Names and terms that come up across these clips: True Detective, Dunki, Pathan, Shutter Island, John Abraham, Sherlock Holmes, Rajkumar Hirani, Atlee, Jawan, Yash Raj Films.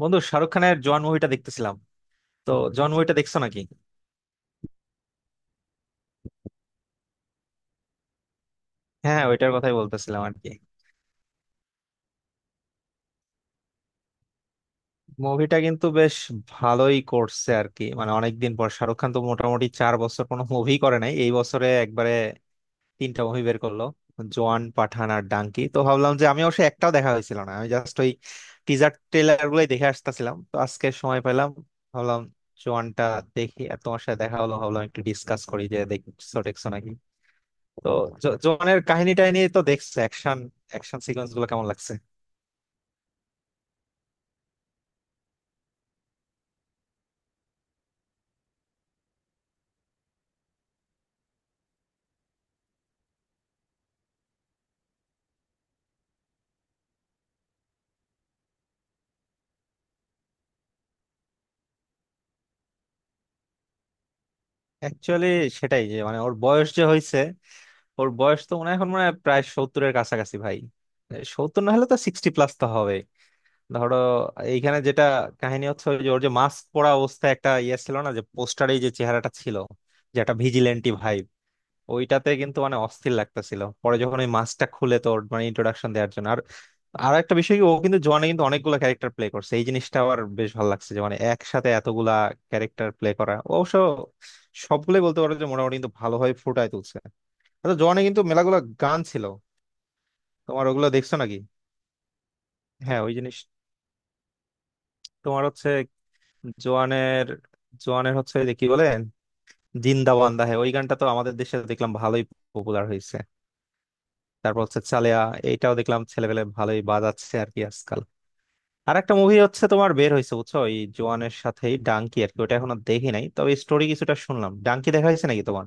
বন্ধু, শাহরুখ খানের জোয়ান মুভিটা দেখতেছিলাম। তো জোয়ান মুভিটা দেখছো নাকি? হ্যাঁ হ্যাঁ, ওইটার কথাই বলতেছিলাম আর কি। মুভিটা কিন্তু বেশ ভালোই করছে আর কি। মানে অনেকদিন পর শাহরুখ খান তো মোটামুটি চার বছর কোনো মুভি করে নাই, এই বছরে একবারে তিনটা মুভি বের করলো — জোয়ান, পাঠান আর ডাঙ্কি। তো ভাবলাম যে আমি অবশ্যই একটাও দেখা হয়েছিল না, আমি জাস্ট ওই টিজার ট্রেলার গুলোই দেখে আসতেছিলাম। তো আজকে সময় পেলাম, ভাবলাম জোয়ানটা দেখি। আর তোমার সাথে দেখা হলো, ভাবলাম একটু ডিসকাস করি যে দেখছো দেখছো নাকি। তো জোয়ানের কাহিনীটাই নিয়ে তো দেখছে, অ্যাকশন অ্যাকশন সিকোয়েন্স গুলো কেমন লাগছে? অ্যাকচুয়ালি সেটাই, যে মানে ওর বয়স যে হয়েছে। ওর বয়স তো মনে হয় এখন মনে হয় প্রায় সত্তরের কাছাকাছি ভাই, সত্তর না হলে তো সিক্সটি প্লাস তো হবে। ধরো, এইখানে যেটা কাহিনী হচ্ছে, ওই যে ওর যে মাস্ক পরা অবস্থায় একটা ইয়ে ছিল না, যে পোস্টারে যে চেহারাটা ছিল, যে একটা ভিজিলেন্টি ভাই, ওইটাতে কিন্তু মানে অস্থির লাগতেছিল। পরে যখন ওই মাস্কটা খুলে তোর মানে ইন্ট্রোডাকশন দেওয়ার জন্য, আর আর একটা বিষয় কি, ও কিন্তু জোয়ানে কিন্তু অনেকগুলো ক্যারেক্টার প্লে করছে। এই জিনিসটা আবার বেশ ভালো লাগছে যে মানে একসাথে এতগুলা ক্যারেক্টার প্লে করা, ও অবশ্য সবগুলোই বলতে পারো যে মোটামুটি কিন্তু ভালোভাবে ফুটায় তুলছে। আচ্ছা, জোয়ানে কিন্তু মেলাগুলা গান ছিল, তোমার ওগুলো দেখছো নাকি? হ্যাঁ, ওই জিনিস তোমার হচ্ছে জোয়ানের জোয়ানের হচ্ছে যে কি বলে, জিন্দা বান্দা — হ্যাঁ, ওই গানটা তো আমাদের দেশে দেখলাম ভালোই পপুলার হয়েছে। তারপর হচ্ছে চালিয়া, এইটাও দেখলাম ছেলেপেলে ভালোই বাজাচ্ছে আর কি আজকাল। আর একটা মুভি হচ্ছে তোমার বের হয়েছে বুঝছো, ওই জোয়ানের সাথেই ডাঙ্কি আর কি। ওটা এখনো দেখি নাই, তবে স্টোরি কিছুটা শুনলাম। ডাঙ্কি দেখা হয়েছে নাকি তোমার?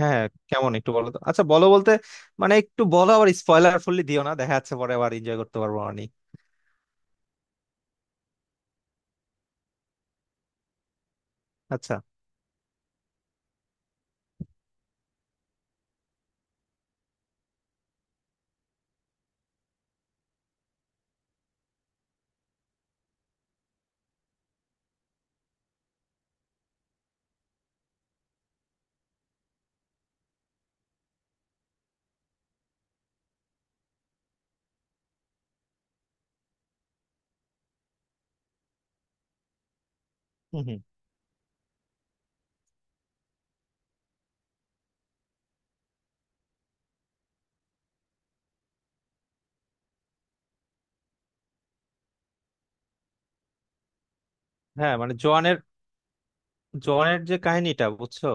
হ্যাঁ, কেমন একটু বলো তো। আচ্ছা বলো, বলতে মানে একটু বলো, আবার স্পয়লার ফুললি দিও না, দেখা যাচ্ছে পরে আবার এনজয় করতে পারবো আমি। আচ্ছা। হম হম। হ্যাঁ, মানে জোয়ানের জোয়ানের যে কাহিনীটা বুঝছো,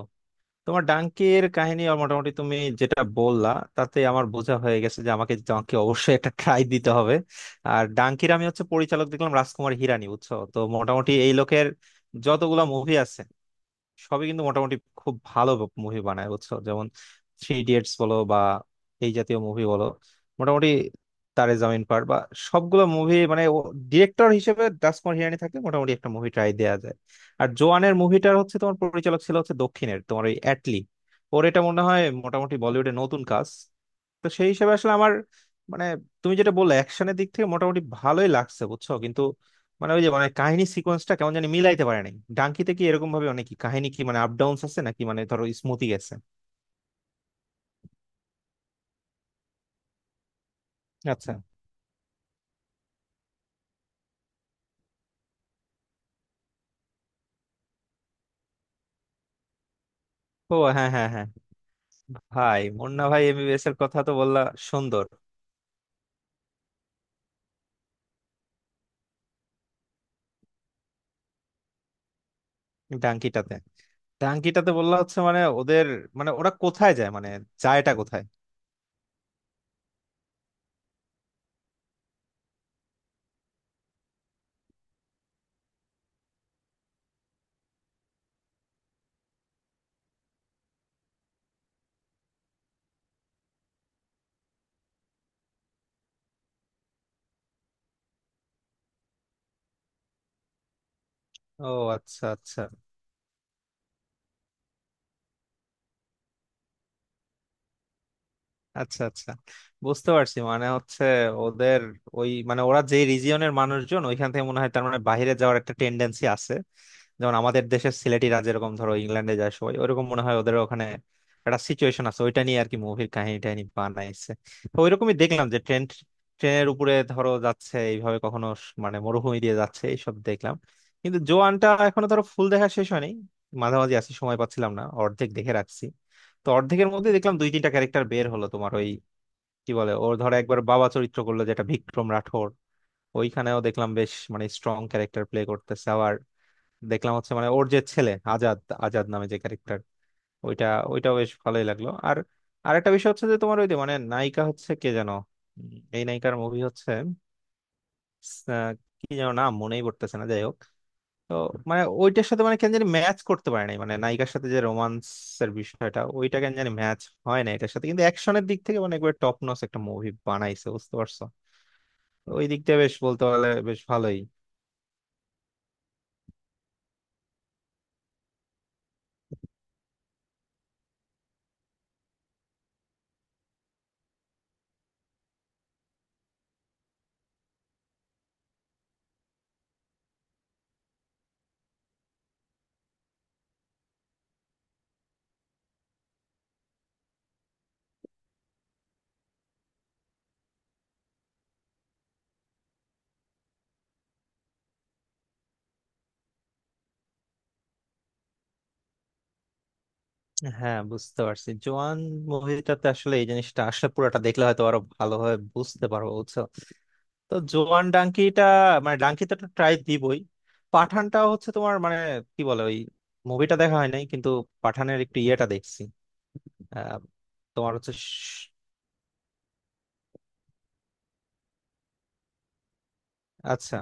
তোমার ডাঙ্কির কাহিনী আর মোটামুটি তুমি যেটা বললা, তাতে আমার বোঝা হয়ে গেছে যে আমাকে ডাঙ্কি অবশ্যই একটা ট্রাই দিতে হবে। আর ডাঙ্কির আমি হচ্ছে পরিচালক দেখলাম রাজকুমার হিরানি বুঝছো। তো মোটামুটি এই লোকের যতগুলা মুভি আছে, সবই কিন্তু মোটামুটি খুব ভালো মুভি বানায় বুঝছো। যেমন থ্রি ইডিয়েটস বলো বা এই জাতীয় মুভি বলো, মোটামুটি তারে জামিন পার বা সবগুলো মুভি মানে, ডিরেক্টর হিসেবে দাস হিরানি থাকলে মোটামুটি একটা মুভি ট্রাই দেয়া যায়। আর জোয়ানের মুভিটার হচ্ছে তোমার পরিচালক ছিল হচ্ছে দক্ষিণের তোমার ওই অ্যাটলি, ওর এটা মনে হয় মোটামুটি বলিউডে নতুন কাজ। তো সেই হিসেবে আসলে আমার মানে, তুমি যেটা বললে অ্যাকশনের দিক থেকে মোটামুটি ভালোই লাগছে বুঝছো, কিন্তু মানে ওই যে মানে কাহিনী সিকোয়েন্সটা কেমন জানি মিলাইতে পারে নাই। ডাঙ্কিতে কি এরকম ভাবে অনেক কাহিনী কি মানে আপ ডাউনস আছে নাকি, মানে ধরো স্মুথি গেছে? আচ্ছা। ও হ্যাঁ হ্যাঁ হ্যাঁ। ভাই, মুন্না ভাই এমবিবিএস এর কথা তো বললা, সুন্দর। ডাঙ্কিটাতে, ডাঙ্কিটাতে হচ্ছে মানে ওদের, মানে ওরা কোথায় যায়, মানে যায়টা কোথায়? ও আচ্ছা আচ্ছা। আচ্ছা আচ্ছা, বুঝতে পারছি। মানে হচ্ছে ওদের ওই মানে, ওরা যে রিজিয়নের মানুষজন, ওইখান থেকে মনে হয় তার মানে বাইরে যাওয়ার একটা টেন্ডেন্সি আছে। যেমন আমাদের দেশের সিলেটিরা যেরকম ধরো ইংল্যান্ডে যায় সবাই, ওইরকম মনে হয় ওদের ওখানে একটা সিচুয়েশন আছে, ওইটা নিয়ে আর কি মুভির কাহিনী টাহিনী বানাইছে। তো ওইরকমই দেখলাম যে ট্রেনের উপরে ধরো যাচ্ছে এইভাবে, কখনো মানে মরুভূমি দিয়ে যাচ্ছে, এইসব দেখলাম। কিন্তু জোয়ানটা এখনো ধরো ফুল দেখা শেষ হয়নি, মাঝামাঝি আছি, সময় পাচ্ছিলাম না, অর্ধেক দেখে রাখছি। তো অর্ধেকের মধ্যে দেখলাম দুই তিনটা ক্যারেক্টার বের হলো তোমার ওই কি বলে, ওর ধরো একবার বাবা চরিত্র করলো যেটা বিক্রম রাঠোর, ওইখানেও দেখলাম বেশ মানে স্ট্রং ক্যারেক্টার প্লে করতেছে। আবার দেখলাম হচ্ছে মানে ওর যে ছেলে আজাদ, আজাদ নামে যে ক্যারেক্টার ওইটা, ওইটাও বেশ ভালোই লাগলো। আর আরেকটা বিষয় হচ্ছে যে তোমার ওই যে মানে নায়িকা হচ্ছে কে যেন, এই নায়িকার মুভি হচ্ছে আহ, কি যেন নাম মনেই পড়তেছে না, যাই হোক। তো মানে ওইটার সাথে মানে কেন জানি ম্যাচ করতে পারে নাই, মানে নায়িকার সাথে যে রোমান্সের বিষয়টা, ওইটা কেন জানি ম্যাচ হয় না এটার সাথে। কিন্তু অ্যাকশনের দিক থেকে মানে একবার টপ নচ একটা মুভি বানাইছে, বুঝতে পারছো? তো ওই দিক দিয়ে বেশ, বলতে পারলে বেশ ভালোই। হ্যাঁ, বুঝতে পারছি জোয়ান মুভিটাতে আসলে এই জিনিসটা, আসলে পুরোটা দেখলে হয়তো আরো ভালোভাবে বুঝতে পারবো বুঝছো। তো জোয়ান, ডাঙ্কিটা মানে ডাঙ্কিটা তো ট্রাই দিবই। পাঠানটাও হচ্ছে তোমার মানে কি বলে, ওই মুভিটা দেখা হয় নাই, কিন্তু পাঠানের একটু ইয়েটা দেখছি আহ, তোমার হচ্ছে আচ্ছা।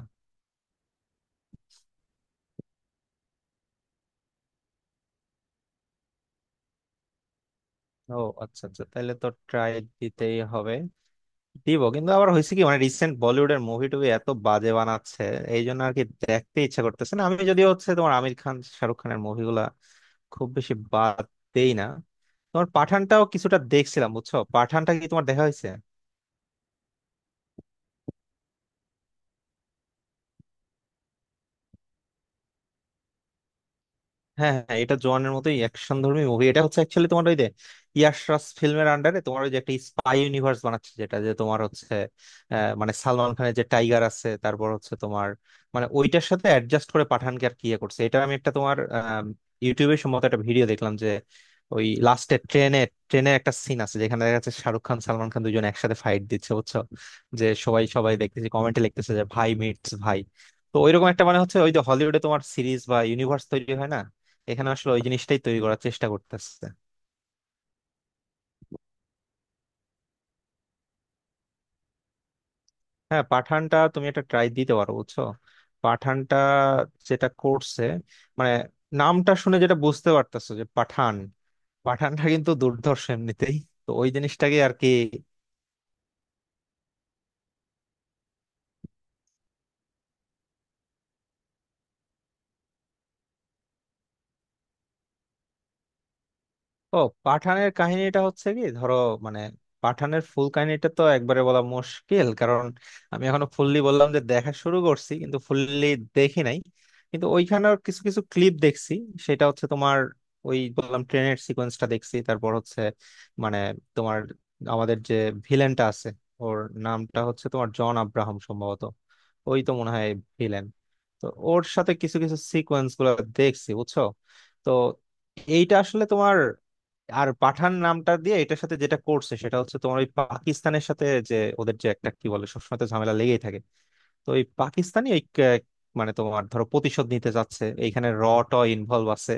ও আচ্ছা আচ্ছা, তাহলে তো ট্রাই দিতেই হবে, দিব। কিন্তু আবার হয়েছে কি মানে, রিসেন্ট বলিউডের মুভি টুবি এত বাজে বানাচ্ছে, এই জন্য আর কি দেখতে ইচ্ছা করতেছে না। আমি যদিও হচ্ছে তোমার আমির খান, শাহরুখ খানের মুভিগুলা খুব বেশি বাদ দেই না। তোমার পাঠানটাও কিছুটা দেখছিলাম বুঝছো। পাঠানটা কি তোমার দেখা হয়েছে? হ্যাঁ হ্যাঁ, এটা জোয়ানের মতোই অ্যাকশন ধর্মী মুভি। এটা হচ্ছে অ্যাকচুয়ালি তোমার ওই যে, ইয়াশ রাজ ফিল্মের আন্ডারে তোমার ওই যে একটা স্পাই ইউনিভার্স বানাচ্ছে, যেটা যে তোমার হচ্ছে মানে সালমান খানের যে টাইগার আছে, তারপর হচ্ছে তোমার মানে ওইটার সাথে অ্যাডজাস্ট করে পাঠানকে আর কি ইয়ে করছে। এটা আমি একটা তোমার ইউটিউবে সম্ভবত একটা ভিডিও দেখলাম যে ওই লাস্টে ট্রেনে, ট্রেনের একটা সিন আছে যেখানে দেখা যাচ্ছে শাহরুখ খান সালমান খান দুজন একসাথে ফাইট দিচ্ছে বুঝছো। যে সবাই সবাই দেখতেছে, কমেন্টে লিখতেছে যে ভাই মিটস ভাই। তো ওইরকম একটা মানে হচ্ছে, ওই যে হলিউডে তোমার সিরিজ বা ইউনিভার্স তৈরি হয় না, এখানে আসলে ওই জিনিসটাই তৈরি করার চেষ্টা করতেছে। হ্যাঁ, পাঠানটা তুমি একটা ট্রাই দিতে পারো বুঝছো। পাঠানটা যেটা করছে, মানে নামটা শুনে যেটা বুঝতে পারতেছো যে পাঠান, পাঠানটা কিন্তু দুর্ধর্ষ এমনিতেই। তো ওই জিনিসটাকে আর কি। ও, পাঠানের কাহিনীটা হচ্ছে কি ধরো, মানে পাঠানের ফুল কাহিনীটা তো একবারে বলা মুশকিল, কারণ আমি এখনো ফুললি বললাম যে দেখা শুরু করছি কিন্তু ফুললি দেখি নাই। কিন্তু ওইখানের কিছু কিছু ক্লিপ দেখছি, সেটা হচ্ছে তোমার ওই বললাম ট্রেনের সিকোয়েন্সটা দেখছি। তারপর হচ্ছে মানে তোমার আমাদের যে ভিলেনটা আছে, ওর নামটা হচ্ছে তোমার জন আব্রাহাম সম্ভবত। ওই তো মনে হয় ভিলেন। তো ওর সাথে কিছু কিছু সিকোয়েন্স গুলো দেখছি বুঝছো। তো এইটা আসলে তোমার, আর পাঠান নামটা দিয়ে এটার সাথে যেটা করছে সেটা হচ্ছে তোমার ওই পাকিস্তানের সাথে যে ওদের যে একটা কি বলে, সবসময় তো ঝামেলা লেগেই থাকে। তো ওই পাকিস্তানি ওই মানে তোমার ধরো প্রতিশোধ নিতে যাচ্ছে, এইখানে র ট ইনভলভ আছে।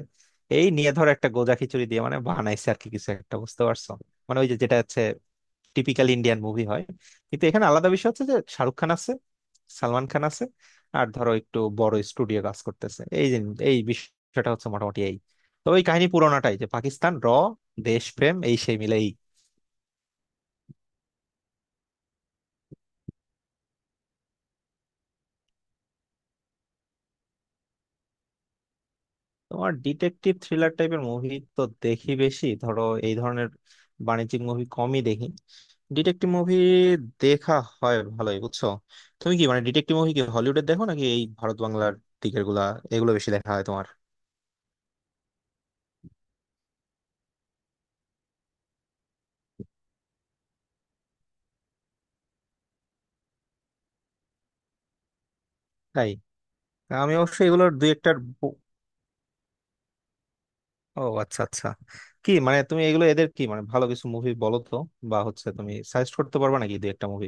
এই নিয়ে ধরো একটা গোজা খিচুড়ি দিয়ে মানে বানাইছে আর কি, কিছু একটা বুঝতে পারছো। মানে ওই যে যেটা হচ্ছে টিপিক্যাল ইন্ডিয়ান মুভি হয়, কিন্তু এখানে আলাদা বিষয় হচ্ছে যে শাহরুখ খান আছে, সালমান খান আছে, আর ধরো একটু বড় স্টুডিও কাজ করতেছে। এই এই বিষয়টা হচ্ছে মোটামুটি এই। তবে এই কাহিনী পুরোনাটাই যে পাকিস্তান র, দেশপ্রেম এই সেই মিলেই। তোমার ডিটেকটিভ থ্রিলার টাইপের মুভি তো দেখি বেশি, ধরো এই ধরনের বাণিজ্যিক মুভি কমই দেখি। ডিটেকটিভ মুভি দেখা হয় ভালোই বুঝছো। তুমি কি মানে ডিটেকটিভ মুভি কি হলিউডের দেখো নাকি এই ভারত বাংলার দিকের গুলা, এগুলো বেশি দেখা হয় তোমার? তাই? আমি অবশ্যই এগুলোর দুই একটার ও আচ্ছা আচ্ছা। কি মানে, তুমি এগুলো এদের কি মানে ভালো কিছু মুভি বলো তো, বা হচ্ছে তুমি সাজেস্ট করতে পারবে নাকি দুই একটা মুভি?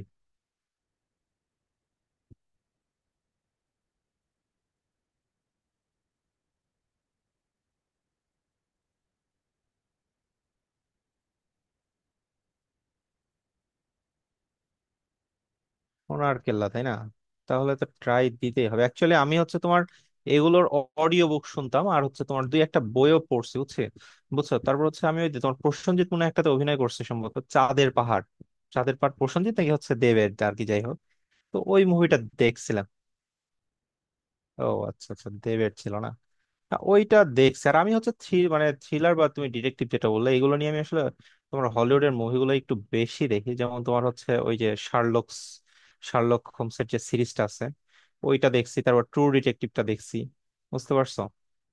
ওনার কেল্লা, তাই না? তাহলে তো ট্রাই দিতেই হবে। অ্যাকচুয়ালি আমি হচ্ছে তোমার এগুলোর অডিও বুক শুনতাম, আর হচ্ছে তোমার দুই একটা বইও পড়ছি বুঝছে, বুঝছো। তারপর হচ্ছে আমি ওই যে তোমার প্রসেনজিৎ মনে হয় একটাতে অভিনয় করছে সম্ভবত চাঁদের পাহাড়, চাঁদের পাহাড় প্রসেনজিৎ নাকি হচ্ছে দেবের আর কি, যাই হোক। তো ওই মুভিটা দেখছিলাম। ও আচ্ছা আচ্ছা, দেবের ছিল না। না, ওইটা দেখছি। আর আমি হচ্ছে মানে থ্রিলার বা তুমি ডিটেকটিভ যেটা বললে, এগুলো নিয়ে আমি আসলে তোমার হলিউডের মুভিগুলো একটু বেশি দেখি। যেমন তোমার হচ্ছে ওই যে শার্লকস, শার্লক হোমসের যে সিরিজটা আছে ওইটা দেখছি, তারপর ট্রু ডিটেকটিভটা দেখছি, বুঝতে পারছো।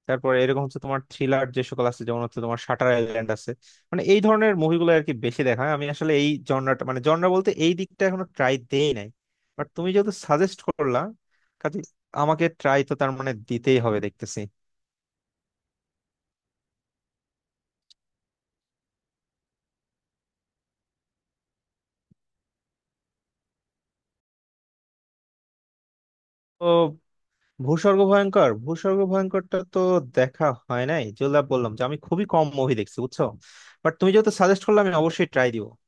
তারপর এরকম হচ্ছে তোমার থ্রিলার যে সকল আছে, যেমন হচ্ছে তোমার শাটার আইল্যান্ড আছে, মানে এই ধরনের মুভিগুলো আর কি বেশি দেখা হয়। আমি আসলে এই জনরাটা, মানে জনরা বলতে এই দিকটা এখনো ট্রাই দেই নাই, বাট তুমি যেহেতু সাজেস্ট করলা, কাজে আমাকে ট্রাই তো তার মানে দিতেই হবে, দেখতেছি। ও ভূস্বর্গ ভয়ঙ্কর, ভূস্বর্গ ভয়ঙ্করটা তো দেখা হয় নাই। যেগুলা বললাম যে আমি খুবই কম মুভি দেখছি বুঝছো, বাট তুমি যেহেতু সাজেস্ট করলে আমি অবশ্যই ট্রাই দিব।